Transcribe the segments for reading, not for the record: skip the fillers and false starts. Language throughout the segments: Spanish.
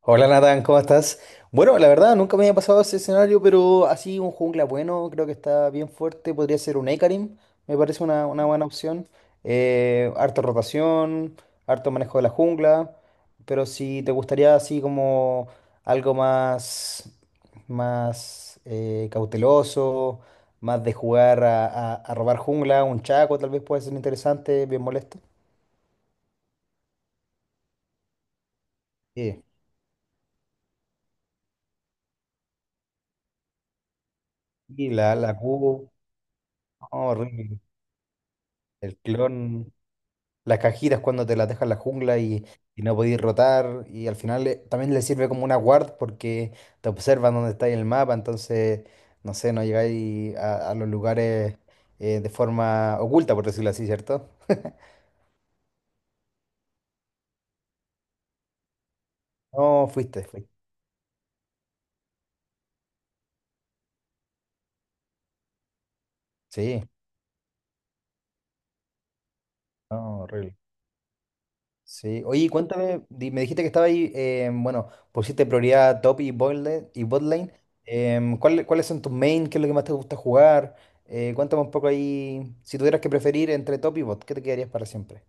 Hola Nathan, ¿cómo estás? Bueno, la verdad nunca me había pasado ese escenario, pero así un jungla bueno, creo que está bien fuerte. Podría ser un Ekarim, me parece una buena opción. Harta rotación, harto manejo de la jungla, pero si te gustaría así como algo más, más cauteloso, más de jugar a robar jungla, un Chaco tal vez puede ser interesante, bien molesto. Sí. Y la Q, oh, horrible. El clon. Las cajitas cuando te las deja en la jungla y no podéis rotar. Y al final también le sirve como una guard porque te observan dónde está en el mapa. Entonces, no sé, no llegáis a los lugares de forma oculta, por decirlo así, ¿cierto? No, fuiste. Sí, no, horrible. Sí, oye, cuéntame, me dijiste que estaba ahí, bueno, pusiste prioridad a top y bot lane, y bot lane. ¿ ¿Cuáles son tus main? ¿Qué es lo que más te gusta jugar? Cuéntame un poco ahí, si tuvieras que preferir entre top y bot, ¿qué te quedarías para siempre?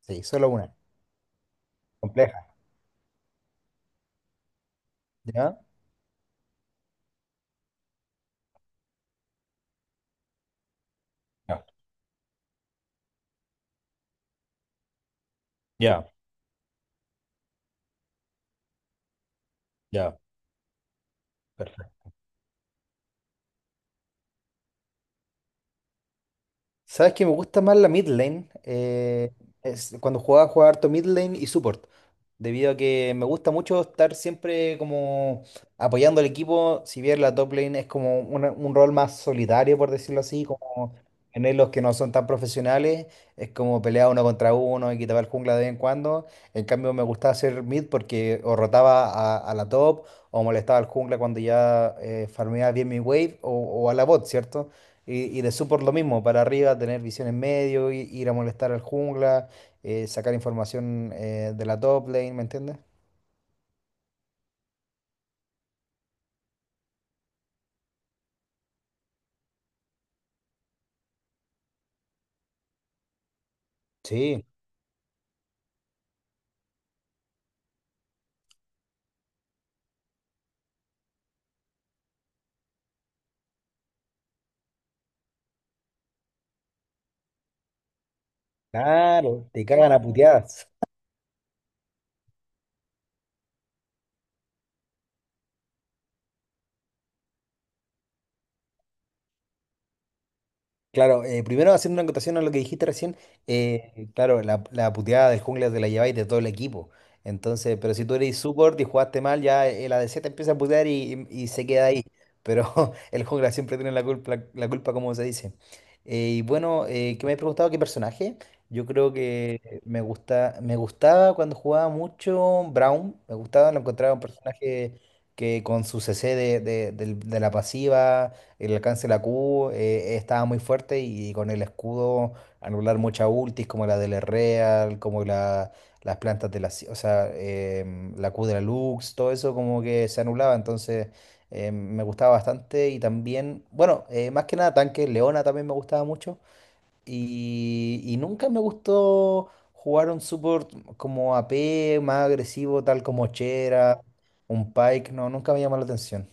Sí, solo una, compleja, ¿ya? Ya, ya, ya. ¿Sabes que me gusta más la mid lane? Es, cuando jugaba harto mid lane y support. Debido a que me gusta mucho estar siempre como apoyando al equipo, si bien la top lane es como un rol más solitario, por decirlo así, como en los que no son tan profesionales, es como pelear uno contra uno y quitar el jungla de vez en cuando. En cambio, me gustaba hacer mid porque o rotaba a la top o molestaba al jungla cuando ya farmeaba bien mi wave o a la bot, ¿cierto? Y de support lo mismo, para arriba, tener visión en medio, ir a molestar al jungla, sacar información de la top lane, ¿me entiendes? Sí, claro, te cagan a puteadas. Claro, primero haciendo una acotación a lo que dijiste recién, claro, la puteada del jungla te la lleváis de todo el equipo. Entonces, pero si tú eres support y jugaste mal, ya el ADC te empieza a putear y se queda ahí. Pero el jungla siempre tiene la, culpa, como se dice. Y bueno, ¿qué me has preguntado? ¿Qué personaje? Yo creo que me gustaba cuando jugaba mucho Brown, me gustaba, lo encontraba un personaje que con su CC de la pasiva el alcance de la Q estaba muy fuerte y con el escudo anular muchas ultis como la del Real, como la, las plantas de la, o sea, la Q de la Lux, todo eso como que se anulaba, entonces me gustaba bastante y también, bueno, más que nada tanque, Leona también me gustaba mucho y nunca me gustó jugar un support como AP, más agresivo, tal como Chera, un Pike, no, nunca me llamó la atención.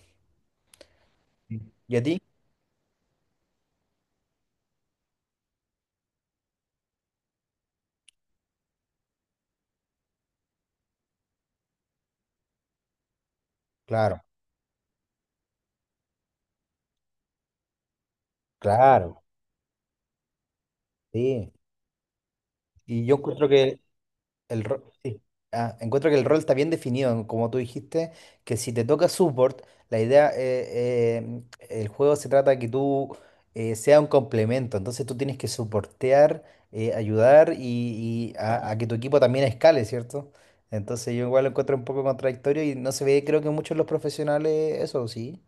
¿Y a ti? Claro, claro. Sí, y yo encuentro que el rol, encuentro que el rol está bien definido, como tú dijiste, que si te toca support, la idea, el juego se trata de que tú sea un complemento, entonces tú tienes que soportear, ayudar y a que tu equipo también escale, ¿cierto? Entonces yo igual lo encuentro un poco contradictorio y no se ve, creo que muchos de los profesionales, eso sí.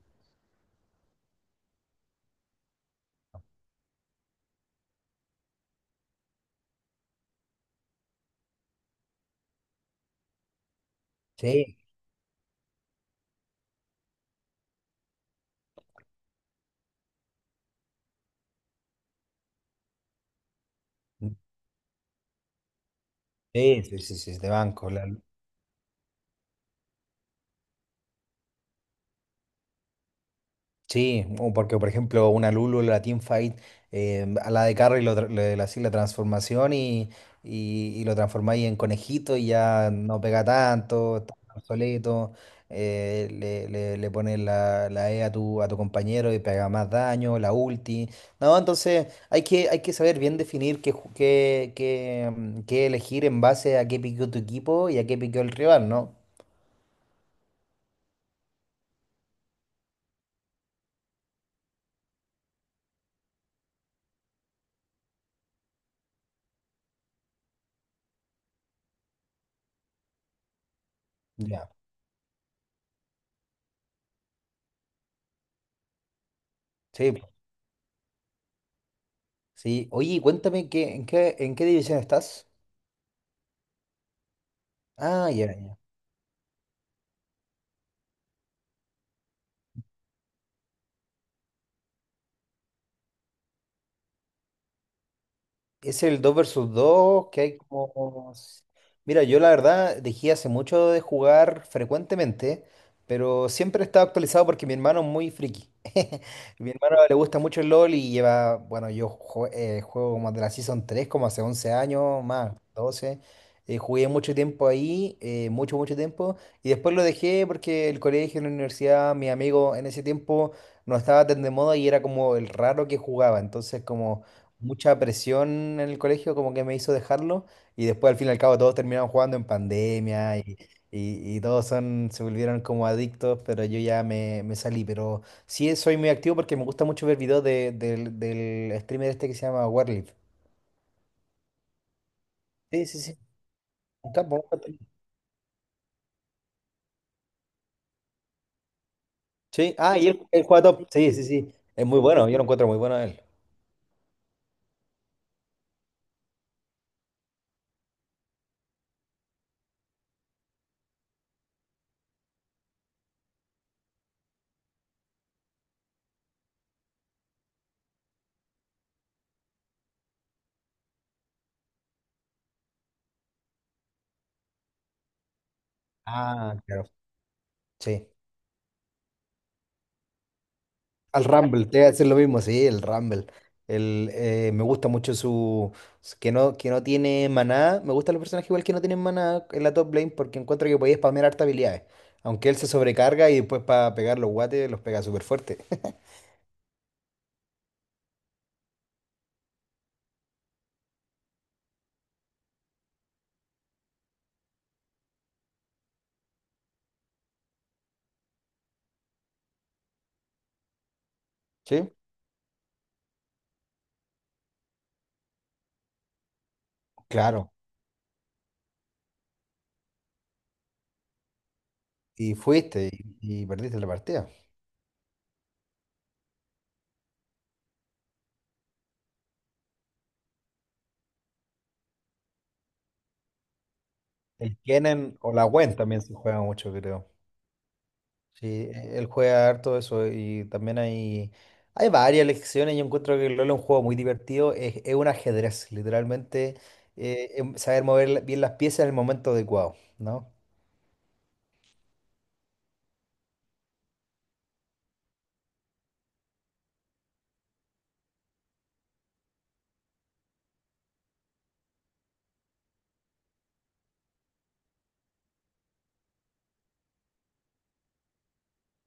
Sí, sí, sí, sí, sí, de banco. Sí, o porque por ejemplo una Lulu, la Teamfight, a la de Carry lo le hacís la transformación y lo transformáis en conejito y ya no pega tanto, está obsoleto, le pones la E a a tu compañero y pega más daño, la ulti. No, entonces hay que saber bien definir qué qué elegir en base a qué piqueó tu equipo y a qué piqueó el rival, ¿no? Ya, sí, sí. Oye, cuéntame, ¿ en qué división estás? Ah, ya, ya. Es el 2 versus 2 que hay como... Mira, yo la verdad dejé hace mucho de jugar frecuentemente, pero siempre he estado actualizado porque mi hermano es muy friki. Mi hermano le gusta mucho el LOL y lleva, bueno, juego como de la Season 3 como hace 11 años, más, 12. Jugué mucho tiempo ahí, mucho tiempo, y después lo dejé porque el colegio, la universidad, mi amigo en ese tiempo no estaba tan de moda y era como el raro que jugaba, entonces como... mucha presión en el colegio como que me hizo dejarlo y después al fin y al cabo todos terminaron jugando en pandemia y, y todos son, se volvieron como adictos, pero yo ya me salí, pero sí soy muy activo porque me gusta mucho ver videos del streamer este que se llama Warlift. Sí, sí, sí. Un capo, un capo. Sí, ah, y él juega top. Sí, sí, sí. Es muy bueno, yo lo encuentro muy bueno a él. Ah, claro. Sí. Al Rumble, te voy a decir lo mismo, sí, el Rumble. El, me gusta mucho su, que no tiene maná. Me gustan los personajes igual que no tienen maná en la top lane porque encuentro que podía spamear harta habilidades. Aunque él se sobrecarga y después para pegar los guates los pega súper fuerte. ¿Sí? Claro. Y fuiste y perdiste la partida. El Kennen o la Gwen también se juega mucho, creo. Sí, él juega harto eso y también hay varias lecciones. Yo encuentro que el LoL es un juego muy divertido. Es un ajedrez, literalmente. Saber mover bien las piezas en el momento adecuado, ¿no?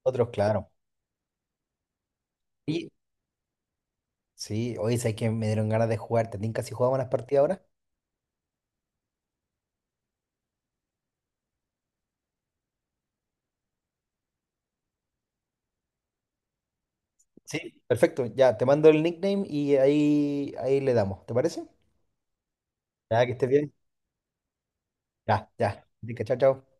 Otros, claro. Y sí, hoy sabes que me dieron ganas de jugar. ¿Te tinca si jugamos unas partidas ahora? Sí. Perfecto, ya, te mando el nickname y ahí, ahí le damos. ¿Te parece? Ya, que estés bien. Ya, ya. Tinca, chao, chao.